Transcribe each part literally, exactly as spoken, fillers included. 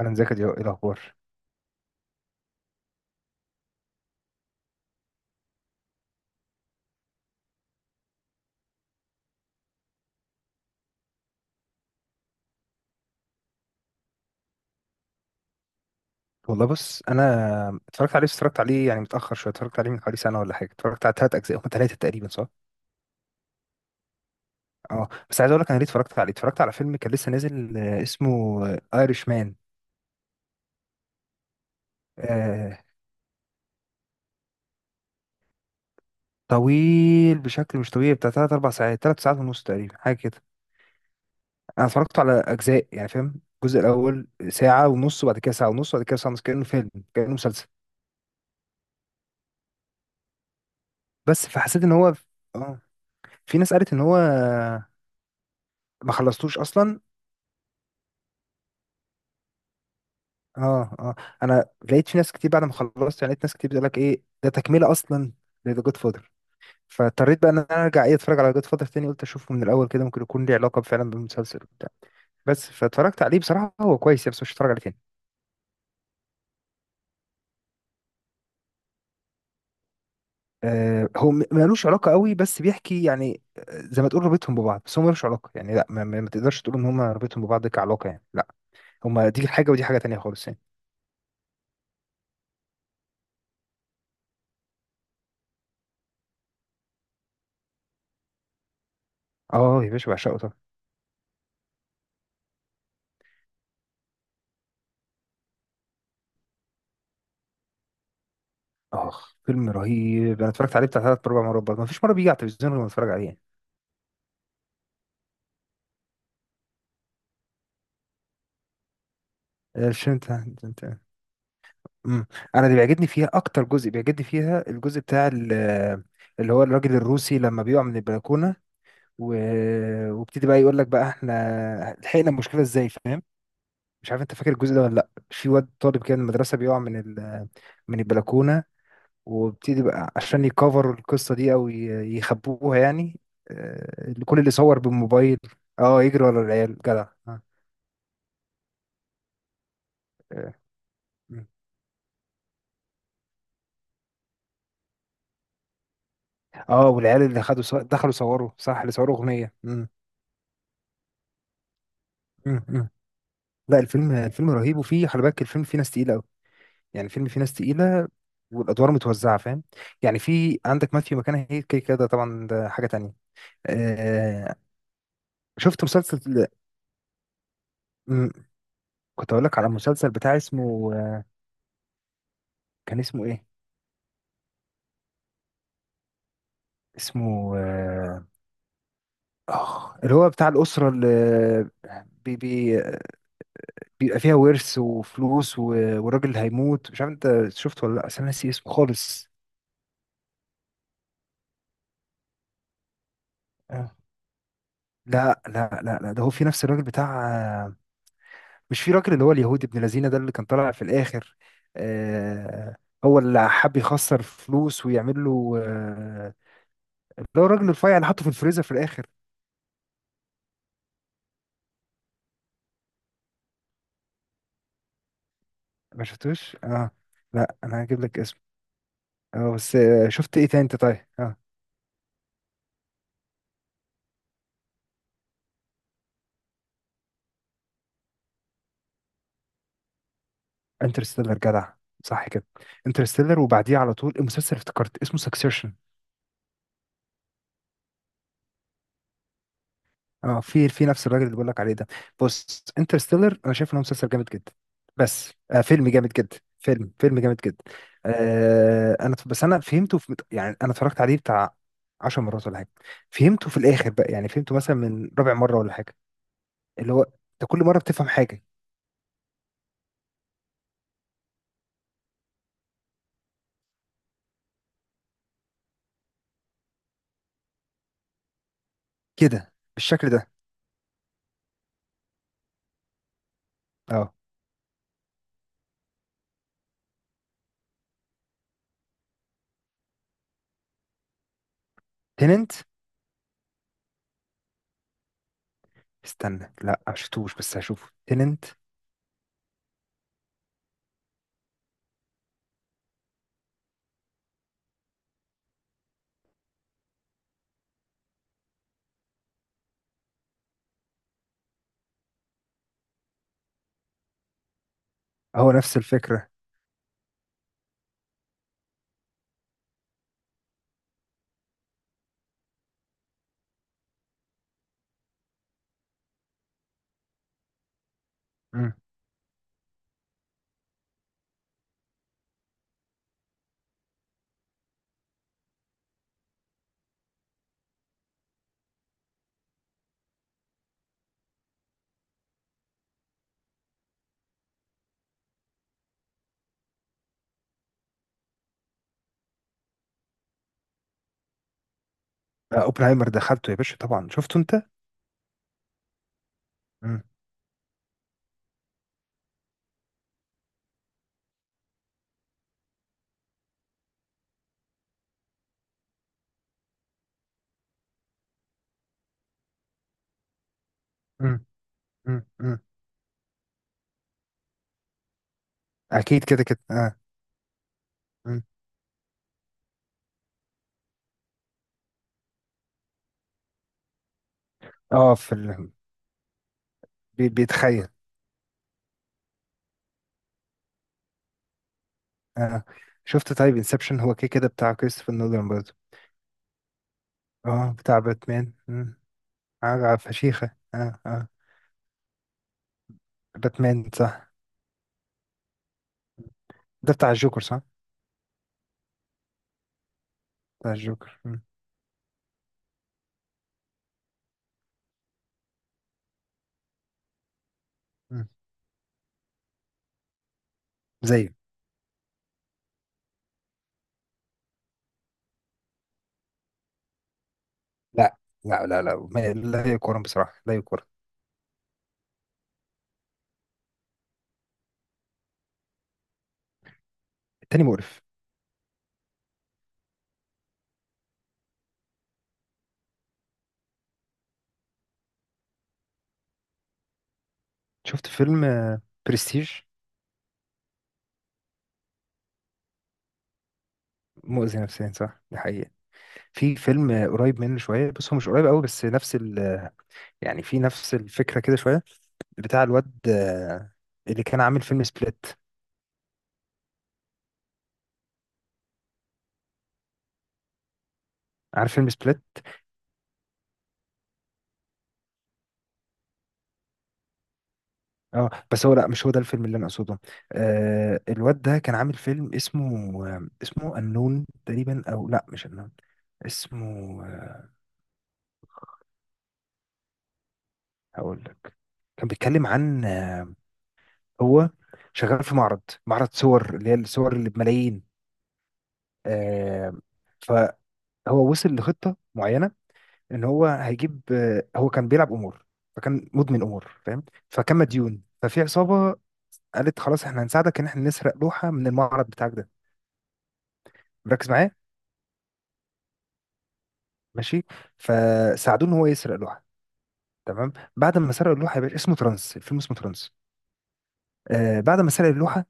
انا مذاكر دلوقتي. ايه الاخبار؟ والله بص انا اتفرجت عليه، بس اتفرجت عليه يعني متاخر شويه، اتفرجت عليه من حوالي سنه ولا حاجه، اتفرجت على ثلاث اجزاء، هم ثلاثه تقريبا صح؟ اه بس عايز اقول لك انا ليه اتفرجت عليه. اتفرجت على فيلم كان لسه نازل، آه، اسمه ايرش مان. آه طويل بشكل مش طبيعي، بتاع ثلاث اربع ساعات، ثلاث ساعات ونص تقريبا، حاجه كده. انا اتفرجت على اجزاء يعني فاهم، الجزء الاول ساعه ونص، وبعد كده ساعه ونص، وبعد كده ساعه ونص، كانه فيلم كانه مسلسل. بس فحسيت ان هو اه في ناس قالت ان هو ما خلصتوش اصلا. اه اه، انا لقيت في ناس كتير بعد ما خلصت، يعني لقيت ناس كتير بتقول لك ايه ده تكمله اصلا؟ لذا جود فاذر. فاضطريت بقى ان انا ارجع ايه، اتفرج على جود فاذر تاني. قلت اشوفه من الاول كده، ممكن يكون ليه علاقه فعلا بالمسلسل وبتاع. بس فاتفرجت عليه بصراحه هو كويس يعني، بس مش هتفرج عليه تاني. آه هو م- ملوش علاقه قوي، بس بيحكي يعني، آه، زي ما تقول رابطهم ببعض، بس هو ملوش علاقه يعني، لا ما, ما ما تقدرش تقول ان هم رابطهم ببعض كعلاقه يعني، لا. هما دي حاجه ودي حاجه تانيه خالص يعني. اه يا باشا بعشقه طبعا. اخ فيلم رهيب، انا اتفرجت عليه بتاع ثلاث اربع مرات برضه، ما فيش مره بيجي على التلفزيون غير ما اتفرج عليه يعني. آه، فهمت انت انت. مم. انا اللي بيعجبني فيها اكتر، جزء بيعجبني فيها الجزء بتاع ال- اللي هو الراجل الروسي لما بيقع من البلكونه و... وابتدي بقى يقول لك بقى احنا لحقنا المشكله ازاي، فاهم؟ مش عارف انت فاكر الجزء ده ولا لا، في واد طالب كده من المدرسه بيقع من ال... من البلكونه، وابتدي بقى عشان يكفروا القصه دي او ي- يخبوها يعني، آه، كل اللي صور بالموبايل. اه يجري ورا العيال جدع آه. آه. اه والعيال اللي خدوا صور دخلوا صوروا، صح، اللي صوروا اغنيه. مم. مم. لا الفيلم الفيلم رهيب، وفيه خلي بالك الفيلم فيه ناس تقيله قوي، يعني الفيلم فيه ناس تقيله والادوار متوزعه فاهم، يعني في عندك ماثيو ماكونهي كده كده، ده طبعا ده حاجه تانية. آه شفت مسلسل؟ مم، كنت اقول لك على مسلسل بتاع اسمه آه، كان اسمه ايه؟ اسمه آه آه، اللي هو بتاع الاسره اللي بي بي بيبقى فيها ورث وفلوس و- والراجل اللي هيموت، مش عارف انت شفته ولا لا، بس انا ناسي اسمه خالص. آه. لا لا لا لا، ده هو في نفس الراجل بتاع، مش في راجل اللي هو اليهودي ابن لذينه ده اللي كان طالع في الاخر. آه هو اللي حب يخسر فلوس ويعمل له آه اللي هو الراجل الرفيع اللي حطه في الفريزر في الاخر. ما شفتوش اه. لا انا هجيب لك اسمه. اه بس آه شفت ايه تاني انت؟ طيب اه. انترستيلر جدع، صح كده. انترستيلر وبعديه على طول، المسلسل افتكرت اسمه سكسيشن. اه في في نفس الراجل اللي بقول لك عليه ده. بص انترستيلر انا شايف ان هو مسلسل جامد جدا، بس آه فيلم جامد جدا، فيلم فيلم جامد جدا. آه انا بس انا فهمته في يعني، انا اتفرجت عليه بتاع عشر مرات ولا حاجه. فهمته في الاخر بقى، يعني فهمته مثلا من رابع مره ولا حاجه، اللي هو انت كل مره بتفهم حاجه، كده بالشكل ده. اه تننت. استنى لا ما شفتوش بس هشوفه تننت. هو نفس الفكره. امم. آه اوبنهايمر دخلته يا باشا طبعا شفته انت. امم اكيد كده كده اه. مم. اه في ال... بي... بيتخيل. اه شفت طيب انسبشن، هو كده كده بتاع كريستوفر نولان برضه. اه بتاع باتمان مم. عارف فشيخة اه اه. باتمان صح. ده بتاع الجوكر صح. بتاع الجوكر مم. مم. زيه. لا لا لا لا ما- لا يقارن بصراحة، لا يقارن. التاني مقرف. شفت فيلم برستيج، مؤذي نفسيا، صح، دي حقيقة. في فيلم آه، قريب منه شوية بس هو مش قريب قوي، بس نفس ال آه، يعني في نفس الفكرة كده شوية، بتاع الواد آه، اللي كان عامل فيلم سبليت. عارف فيلم سبليت؟ اه بس هو لا مش هو ده الفيلم اللي انا اقصده. آه الواد ده كان عامل فيلم اسمه آه، اسمه النون تقريبا، او لا مش النون. اسمه آه، هقول لك. كان بيتكلم عن آه، هو شغال في معرض، معرض صور، اللي هي الصور اللي بملايين. آه فهو وصل لخطة معينة ان هو هيجيب آه هو كان بيلعب امور، فكان مدمن امور فاهم، فكان مديون، ففي عصابة قالت خلاص احنا هنساعدك ان احنا نسرق لوحه من المعرض بتاعك ده. ركز معايا، ماشي؟ فساعدوه ان هو يسرق لوحه. تمام، بعد ما سرق اللوحه يا باشا، اسمه ترانس، الفيلم اسمه ترانس. آه بعد ما سرق اللوحه،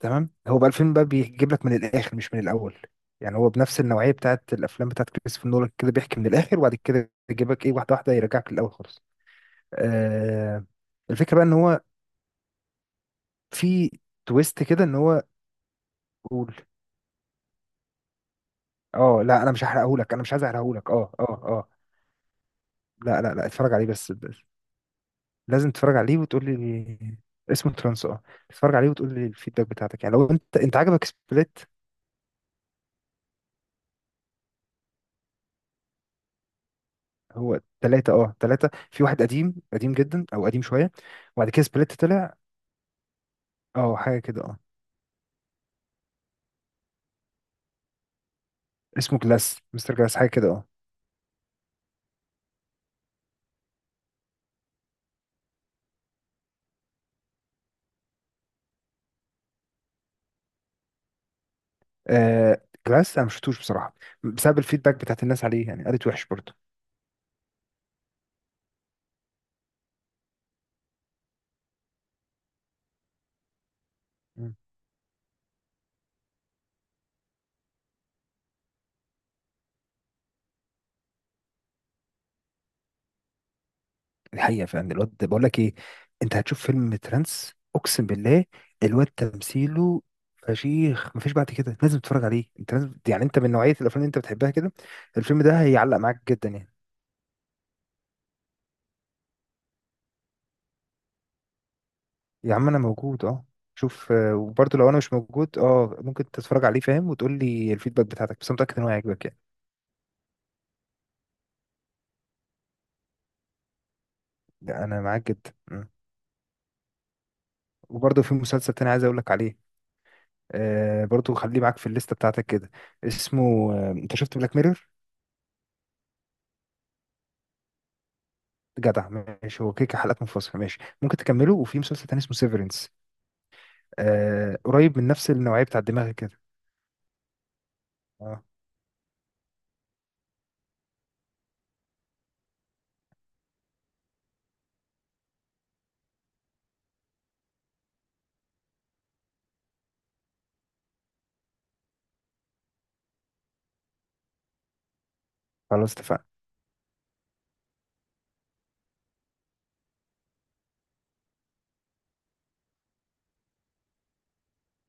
تمام، هو بقى الفيلم بقى بيجيب لك من الاخر مش من الاول، يعني هو بنفس النوعيه بتاعت الافلام بتاعت كريستوفر نولان كده، بيحكي من الاخر وبعد كده يجيبك ايه واحده واحده يرجعك للاول خالص. آه الفكره بقى ان هو في تويست كده ان هو، قول. اه لا انا مش هحرقهولك، انا مش عايز احرقهولك، اه اه اه. لا لا لا اتفرج عليه بس. لازم تتفرج عليه وتقول لي، اسمه ترانس اه. تتفرج عليه وتقول لي الفيدباك بتاعتك، يعني لو انت انت عجبك سبليت. هو ثلاثة اه، ثلاثة في واحد، قديم قديم جدا او قديم شوية. وبعد كده سبليت طلع. اه حاجة كده اه. اسمه جلاس، مستر جلاس، حاجة كده اه. آه، جلاس انا مشفتوش بصراحة بسبب الفيدباك بتاعت الناس عليه، يعني قالت وحش برضه. الحقيقه فعلا الواد ده- بقول لك ايه، انت هتشوف فيلم ترانس اقسم بالله. الواد تمثيله فشيخ، مفيش بعد كده، لازم تتفرج عليه انت لازم، يعني انت من نوعيه الافلام اللي انت بتحبها كده، الفيلم ده هيعلق معاك جدا يعني. يا عم انا موجود اه. شوف آه، وبرضه لو انا مش موجود اه، ممكن تتفرج عليه فاهم، وتقول لي الفيدباك بتاعتك، بس أنا متاكد ان هو هيعجبك يعني. لا، انا معاك جدا مم. وبرضه في مسلسل تاني عايز اقول لك عليه. آه برضه خليه معاك في الليسته بتاعتك كده. اسمه آه انت شفت بلاك ميرور؟ جدع. ماشي، هو كيكة حلقات منفصلة، ماشي ممكن تكمله. وفي مسلسل تاني اسمه سيفرنس، آه قريب من نفس النوعية بتاع دماغك كده. آه خلاص اتفقنا.